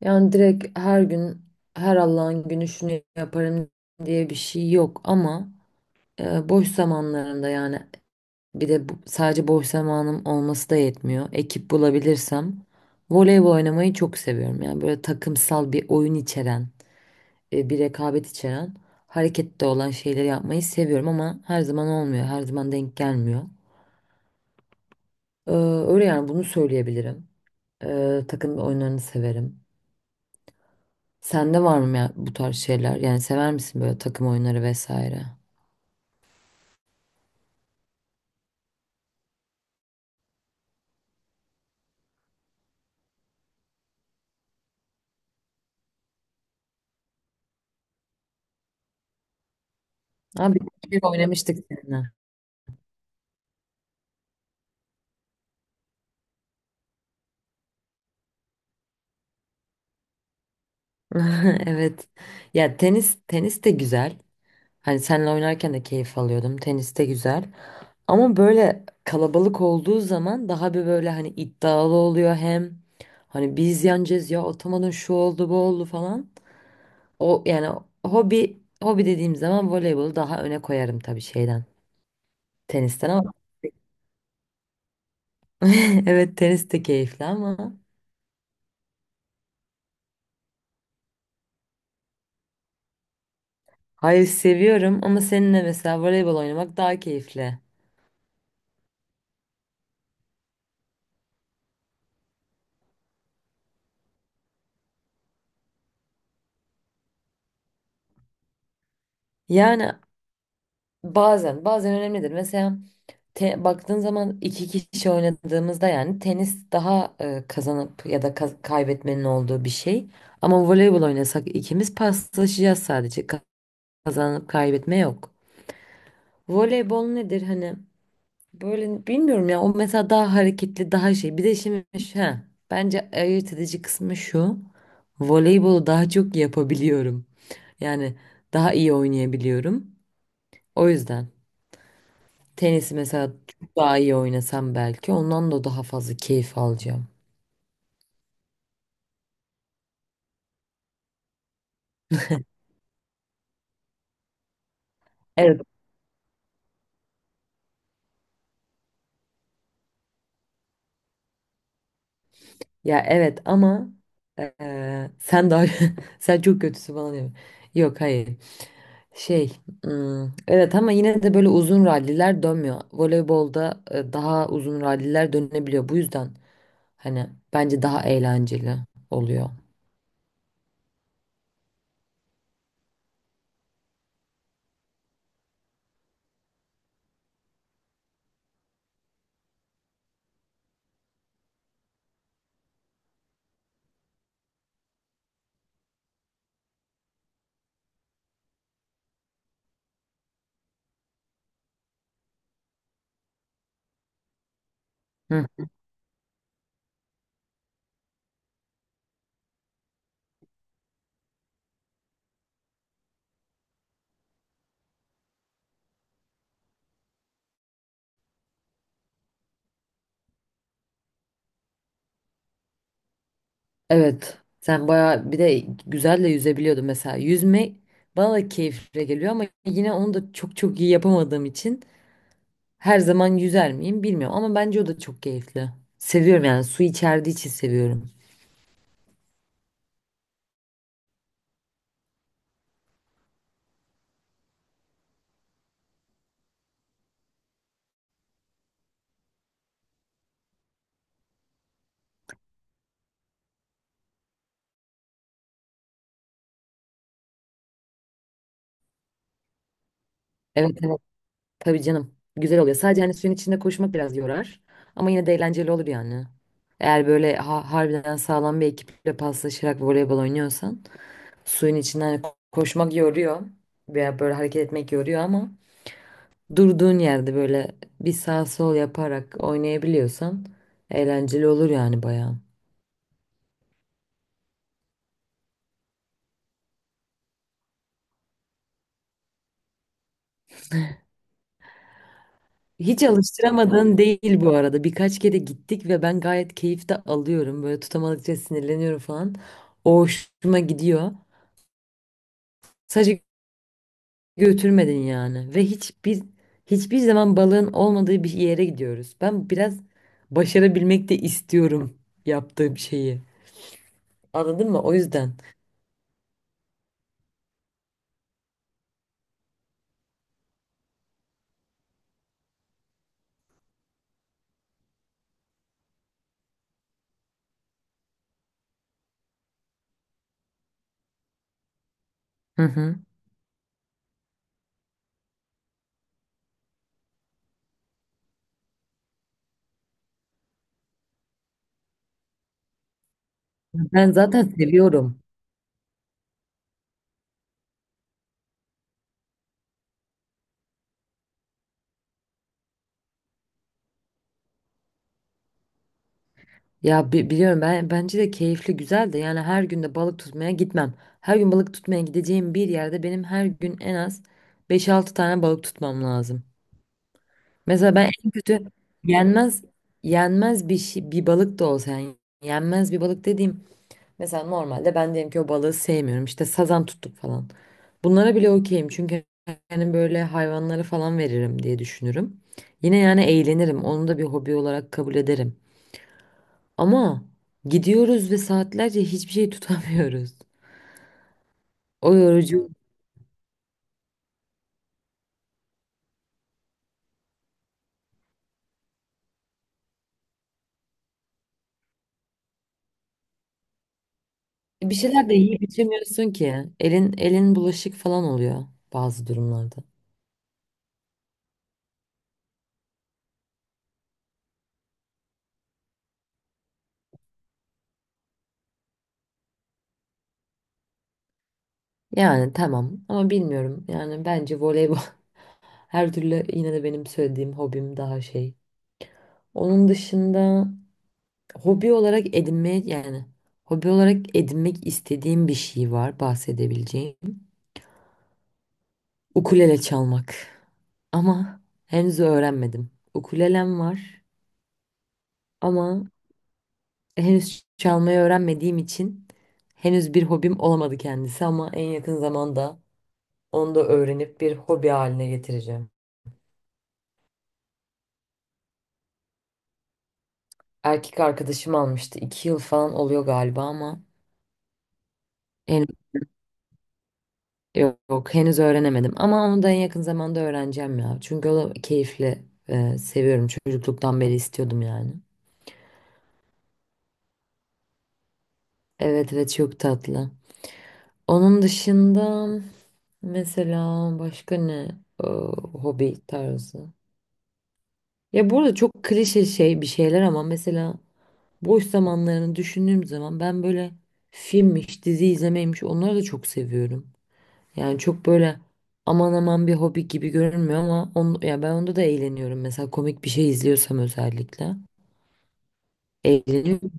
Yani direkt her gün her Allah'ın günü şunu yaparım diye bir şey yok ama boş zamanlarımda yani bir de sadece boş zamanım olması da yetmiyor. Ekip bulabilirsem voleybol oynamayı çok seviyorum. Yani böyle takımsal bir oyun içeren, bir rekabet içeren, harekette olan şeyleri yapmayı seviyorum ama her zaman olmuyor, her zaman denk gelmiyor. Ee, Öyle yani bunu söyleyebilirim. Takım oyunlarını severim. Sende var mı ya bu tarz şeyler? Yani sever misin böyle takım oyunları vesaire? Abi bir kere oynamıştık seninle. Evet. Ya tenis tenis de güzel. Hani seninle oynarken de keyif alıyordum. Tenis de güzel. Ama böyle kalabalık olduğu zaman daha bir böyle hani iddialı oluyor, hem hani biz yeneceğiz ya, atamadın şu oldu bu oldu falan. O yani hobi hobi dediğim zaman voleybolu daha öne koyarım tabii şeyden. Tenisten ama evet tenis de keyifli ama. Hayır seviyorum ama seninle mesela voleybol oynamak daha keyifli. Yani bazen bazen önemlidir. Mesela baktığın zaman iki kişi oynadığımızda yani tenis daha kazanıp ya da kaybetmenin olduğu bir şey. Ama voleybol oynasak ikimiz paslaşacağız sadece. Kazanıp kaybetme yok. Voleybol nedir hani? Böyle bilmiyorum ya, o mesela daha hareketli daha şey. Bir de şimdi ha, bence ayırt edici kısmı şu. Voleybolu daha çok yapabiliyorum. Yani daha iyi oynayabiliyorum. O yüzden tenisi mesela çok daha iyi oynasam belki ondan da daha fazla keyif alacağım. Evet. Ya evet ama sen daha sen çok kötüsü bana diyor. Yok hayır. Şey, evet ama yine de böyle uzun ralliler dönmüyor. Voleybolda daha uzun ralliler dönebiliyor. Bu yüzden hani bence daha eğlenceli oluyor. Hı. Evet. Sen bayağı bir de güzel de yüzebiliyordun mesela. Yüzme bana da keyifli geliyor ama yine onu da çok çok iyi yapamadığım için her zaman yüzer miyim bilmiyorum ama bence o da çok keyifli. Seviyorum yani, su içerdiği için seviyorum. Evet evet. Tabii canım. Güzel oluyor. Sadece hani suyun içinde koşmak biraz yorar. Ama yine de eğlenceli olur yani. Eğer böyle harbiden sağlam bir ekiple paslaşarak voleybol oynuyorsan suyun içinden hani koşmak yoruyor veya böyle hareket etmek yoruyor ama durduğun yerde böyle bir sağ sol yaparak oynayabiliyorsan eğlenceli olur yani bayağı. Hiç alıştıramadığın değil bu arada. Birkaç kere gittik ve ben gayet keyif de alıyorum. Böyle tutamadıkça sinirleniyorum falan. O hoşuma gidiyor. Sadece götürmedin yani, ve hiçbir zaman balığın olmadığı bir yere gidiyoruz. Ben biraz başarabilmek de istiyorum yaptığım şeyi. Anladın mı? O yüzden. Hı hı. Ben zaten seviyorum. Ya biliyorum, ben bence de keyifli, güzel de, yani her gün de balık tutmaya gitmem. Her gün balık tutmaya gideceğim bir yerde benim her gün en az beş altı tane balık tutmam lazım. Mesela ben en kötü yenmez yenmez bir şey, bir balık da olsa yani yenmez bir balık dediğim. Mesela normalde ben diyelim ki o balığı sevmiyorum. İşte sazan tuttuk falan. Bunlara bile okeyim. Çünkü yani böyle hayvanlara falan veririm diye düşünürüm. Yine yani eğlenirim. Onu da bir hobi olarak kabul ederim. Ama gidiyoruz ve saatlerce hiçbir şey tutamıyoruz. O yorucu. Bir şeyler de yiyip içemiyorsun ki. Elin elin bulaşık falan oluyor bazı durumlarda. Yani tamam ama bilmiyorum. Yani bence voleybol her türlü yine de benim söylediğim hobim daha şey. Onun dışında hobi olarak edinmeye yani hobi olarak edinmek istediğim bir şey var, bahsedebileceğim. Ukulele çalmak. Ama henüz öğrenmedim. Ukulelem var ama henüz çalmayı öğrenmediğim için henüz bir hobim olamadı kendisi ama en yakın zamanda onu da öğrenip bir hobi haline getireceğim. Erkek arkadaşım almıştı. 2 yıl falan oluyor galiba ama. Yok, henüz öğrenemedim ama onu da en yakın zamanda öğreneceğim ya. Çünkü o da keyifli. Seviyorum. Çocukluktan beri istiyordum yani. Evet evet çok tatlı. Onun dışında mesela başka ne Ee, hobi tarzı? Ya burada çok klişe şey bir şeyler ama mesela boş zamanlarını düşündüğüm zaman ben böyle filmmiş, dizi izlemeymiş, onları da çok seviyorum. Yani çok böyle aman aman bir hobi gibi görünmüyor ama ya ben onda da eğleniyorum. Mesela komik bir şey izliyorsam özellikle. Eğleniyorum.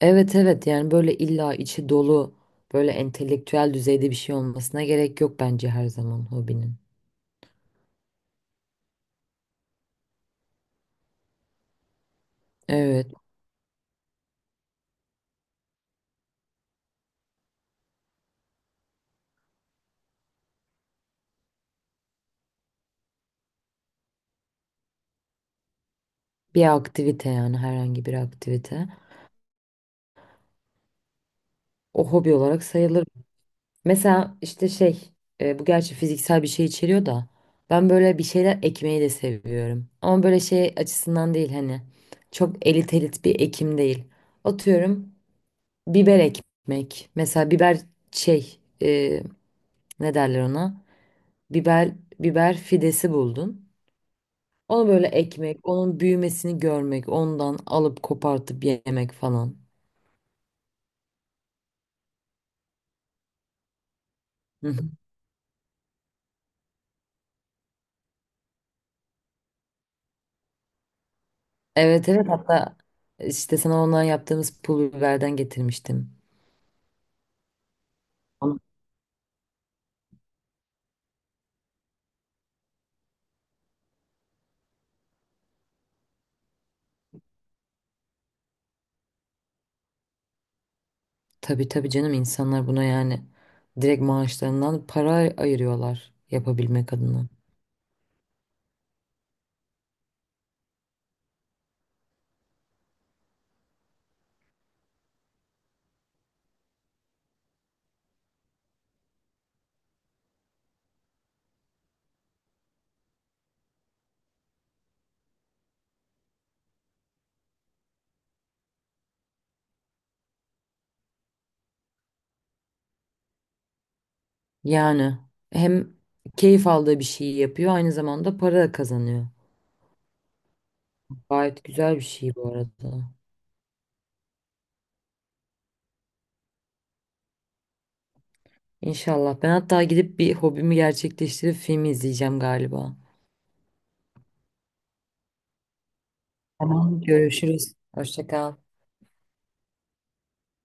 Evet evet, yani böyle illa içi dolu böyle entelektüel düzeyde bir şey olmasına gerek yok bence her zaman hobinin. Evet, bir aktivite yani, herhangi bir aktivite. O hobi olarak sayılır. Mesela işte şey bu gerçi fiziksel bir şey içeriyor da, ben böyle bir şeyler ekmeyi de seviyorum. Ama böyle şey açısından değil hani, çok elit elit bir ekim değil. Atıyorum biber ekmek. Mesela biber şey ne derler ona? Biber biber fidesi buldun. Onu böyle ekmek, onun büyümesini görmek, ondan alıp kopartıp yemek falan. Hı hı. Evet evet, hatta işte sana ondan yaptığımız pul biberden getirmiştim. Tabii tabii canım, insanlar buna yani direkt maaşlarından para ayırıyorlar yapabilmek adına. Yani hem keyif aldığı bir şeyi yapıyor aynı zamanda para da kazanıyor. Gayet güzel bir şey bu arada. İnşallah. Ben hatta gidip bir hobimi gerçekleştirip film izleyeceğim galiba. Tamam, görüşürüz. Hoşça kal.